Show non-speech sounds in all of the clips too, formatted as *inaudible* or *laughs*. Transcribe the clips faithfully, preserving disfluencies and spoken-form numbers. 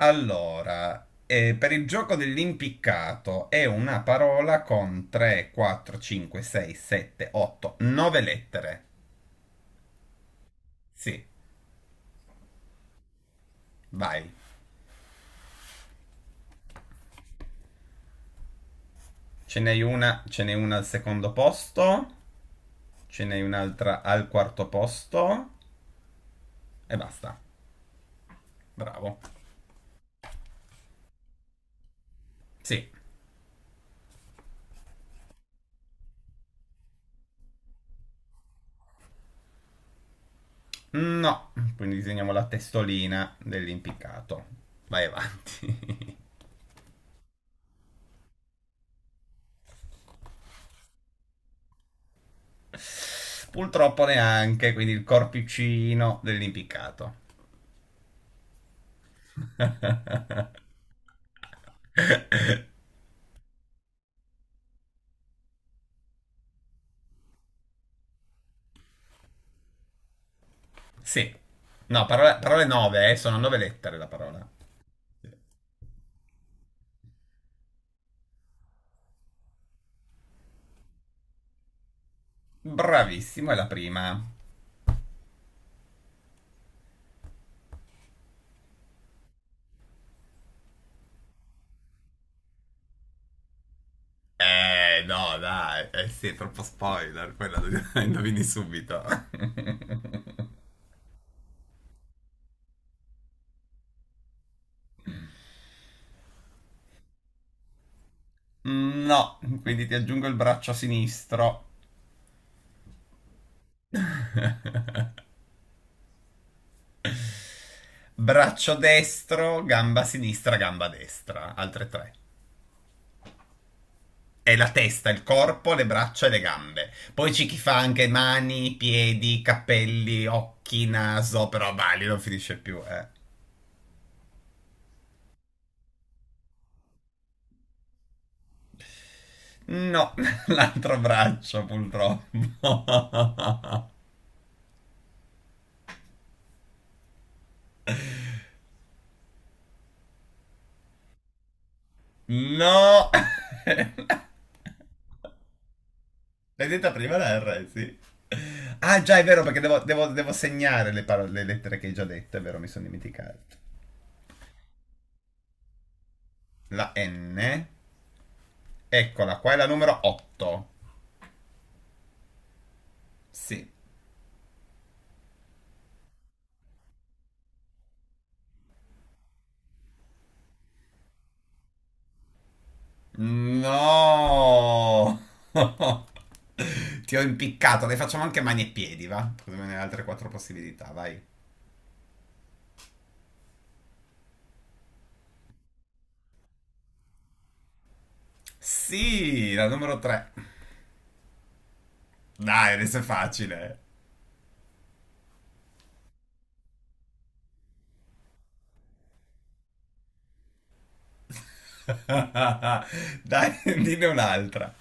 Allora, eh, per il gioco dell'impiccato è una parola con tre, quattro, cinque, sei, sette, otto, nove lettere. Sì, vai. Ce n'hai una, ce n'è una al secondo posto, ce n'hai un'altra al quarto posto e basta. Bravo. Sì. No, quindi disegniamo la testolina dell'impiccato. Vai avanti. *laughs* Purtroppo neanche, quindi il corpicino dell'impiccato. *laughs* Sì. No, parole, parole nove, eh, sono nove lettere la parola. Sì. Bravissimo, è la prima. Eh, no, dai, eh sì, è troppo spoiler, quella *laughs* la indovini subito. *laughs* No, quindi ti aggiungo il braccio sinistro. Braccio destro, gamba sinistra, gamba destra, altre tre. È la testa, il corpo, le braccia e le gambe. Poi c'è chi fa anche mani, piedi, capelli, occhi, naso, però vai, lì non finisce più, eh. No, *laughs* l'altro braccio purtroppo. *laughs* No. L'hai detta prima la R, sì. Ah, già è vero perché devo, devo- devo segnare le, parole- le lettere che hai già detto, è vero, mi sono dimenticato. La N. Eccola, qua è la numero otto. Sì. No. *laughs* Ti ho impiccato, le facciamo anche mani e piedi, va? Così me ne hai altre quattro possibilità, vai. Sì, la numero tre. Dai, adesso è facile. *laughs* Dai, dinne un'altra.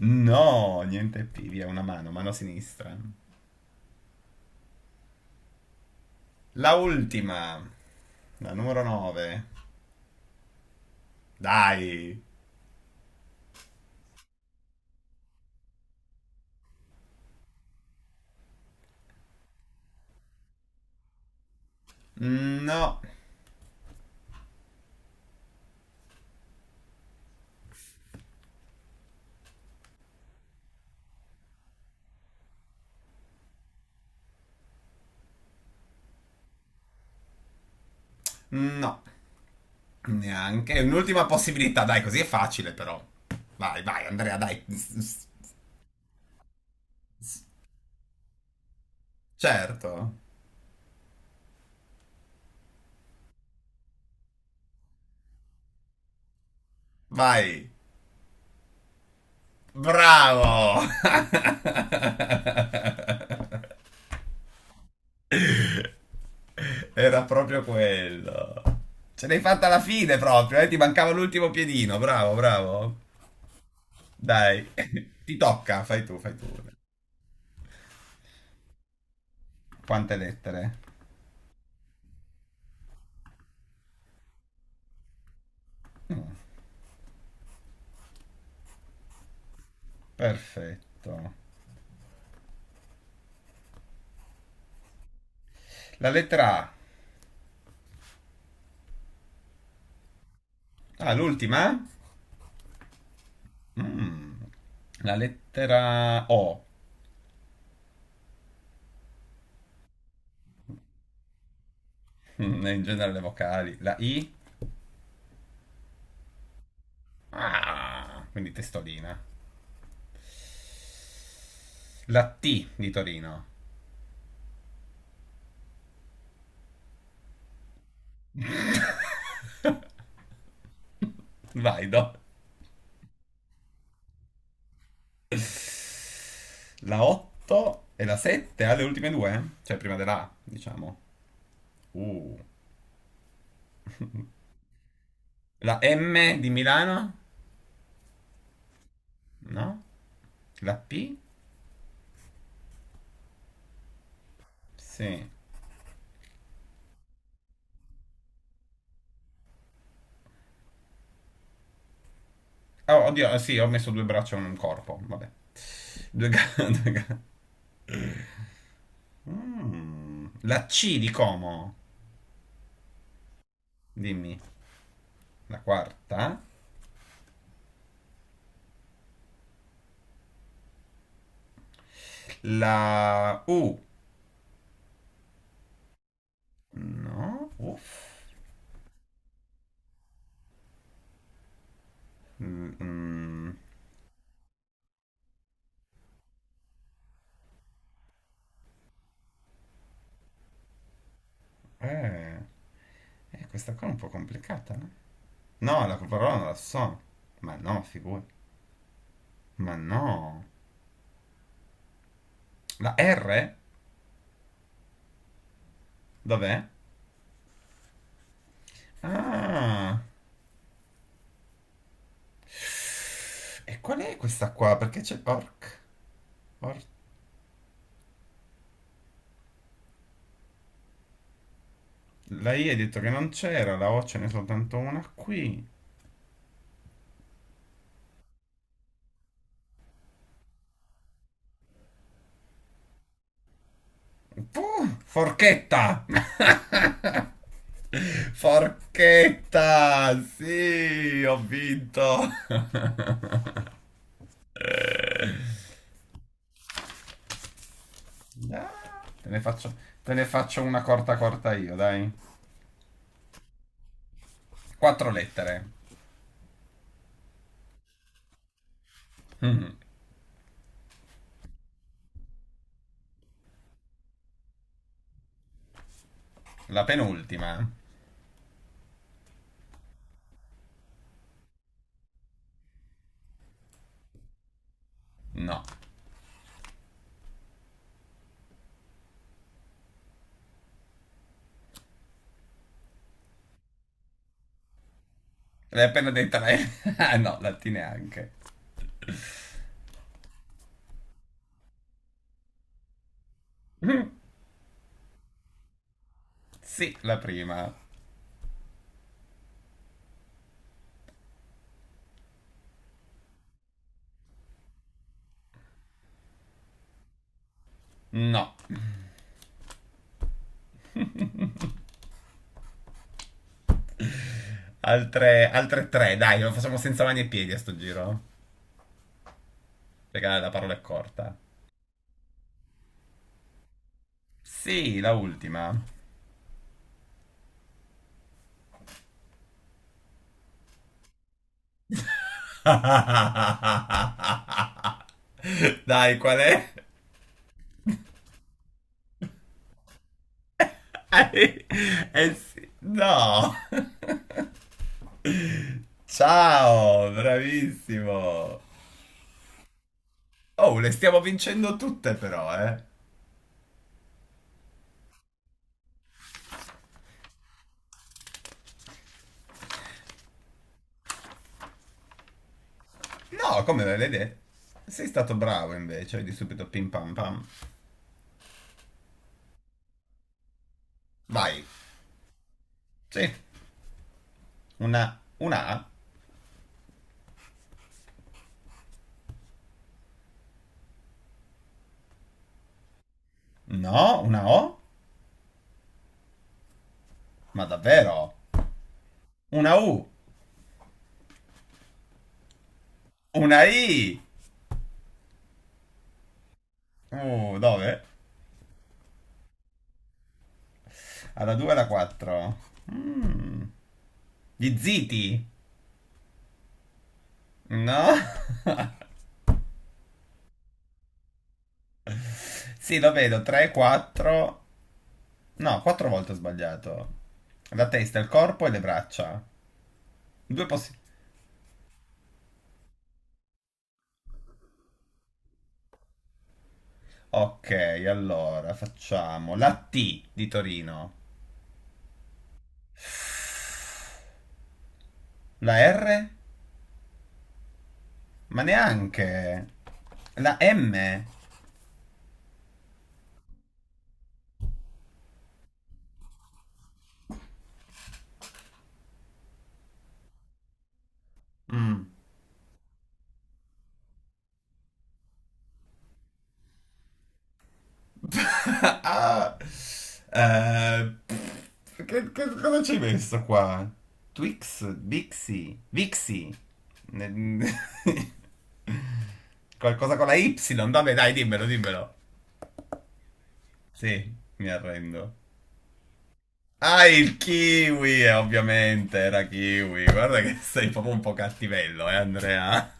No, niente più, via, una mano, mano sinistra. La ultima, la numero nove. Dai. No, no, neanche. È un'ultima possibilità, dai, così è facile però. Vai, vai, Andrea, dai. Certo. Vai. Bravo. *laughs* Era proprio quello. Ce l'hai fatta alla fine proprio, eh? Ti mancava l'ultimo piedino, bravo, bravo. Dai, *laughs* ti tocca, fai tu, fai tu. Quante lettere? Mm, perfetto. La lettera A. Ah, l'ultima? Mm. La lettera O. Mm, in genere le vocali. La I? Ah, quindi testolina. La T di Torino. Vai, do. *laughs* La otto e la sette alle ultime due? Cioè prima della A, diciamo. Uh. La M di Milano? No? La P? Sì. Oh, oddio, eh sì, ho messo due braccia e un corpo, vabbè. Due ga- *laughs* due ga- Mm. La C di Como? Dimmi. La quarta? La U? No? Uff. Mm, mm. Eh, eh, questa qua è un po' complicata, no? No, la parola non la so. Ma no, figura. Ma no. La R? Dov'è? Ah. E qual è questa qua? Perché c'è orc? Or- la I hai detto che non c'era, la O ce n'è soltanto una qui. Puh, forchetta! *laughs* Forchetta! Sì, ho vinto! *laughs* Ah, Te ne faccio, te ne faccio una corta corta io, dai. Quattro lettere. Mm, La penultima. No. L'hai appena detta lei? *laughs* Ah, no, la T neanche. Sì, la prima. No. *laughs* Altre, altre tre, dai, lo facciamo senza mani e piedi a sto giro. Perché la la parola è corta. Sì, la ultima. *laughs* Dai, qual è? Eh, eh sì, no. *laughs* Ciao, bravissimo. Oh, le stiamo vincendo tutte però, eh. No, come me l'hai detto? Sei stato bravo invece, di subito pim pam pam. Vai. Sì, una, una A. No, una O? Ma davvero? Una U. Una I. Uh, dove? Alla due e alla quattro. Mm. Gli ziti. No? *laughs* Sì, lo vedo. tre, quattro. No, quattro volte ho sbagliato. La testa, il corpo e le braccia. Due possi- Ok, allora facciamo la T di Torino, la R? Ma neanche. La M? Mm. *laughs* Ah, eh, pff, che, che- cosa ci hai messo qua? Twix? Bixi? Vixi? Ne- *laughs* Qualcosa con la Y? Vabbè, dai, dimmelo, dimmelo. Sì, mi arrendo. Ah, il kiwi, eh, ovviamente, era kiwi. Guarda che sei proprio un po' cattivello, eh, Andrea.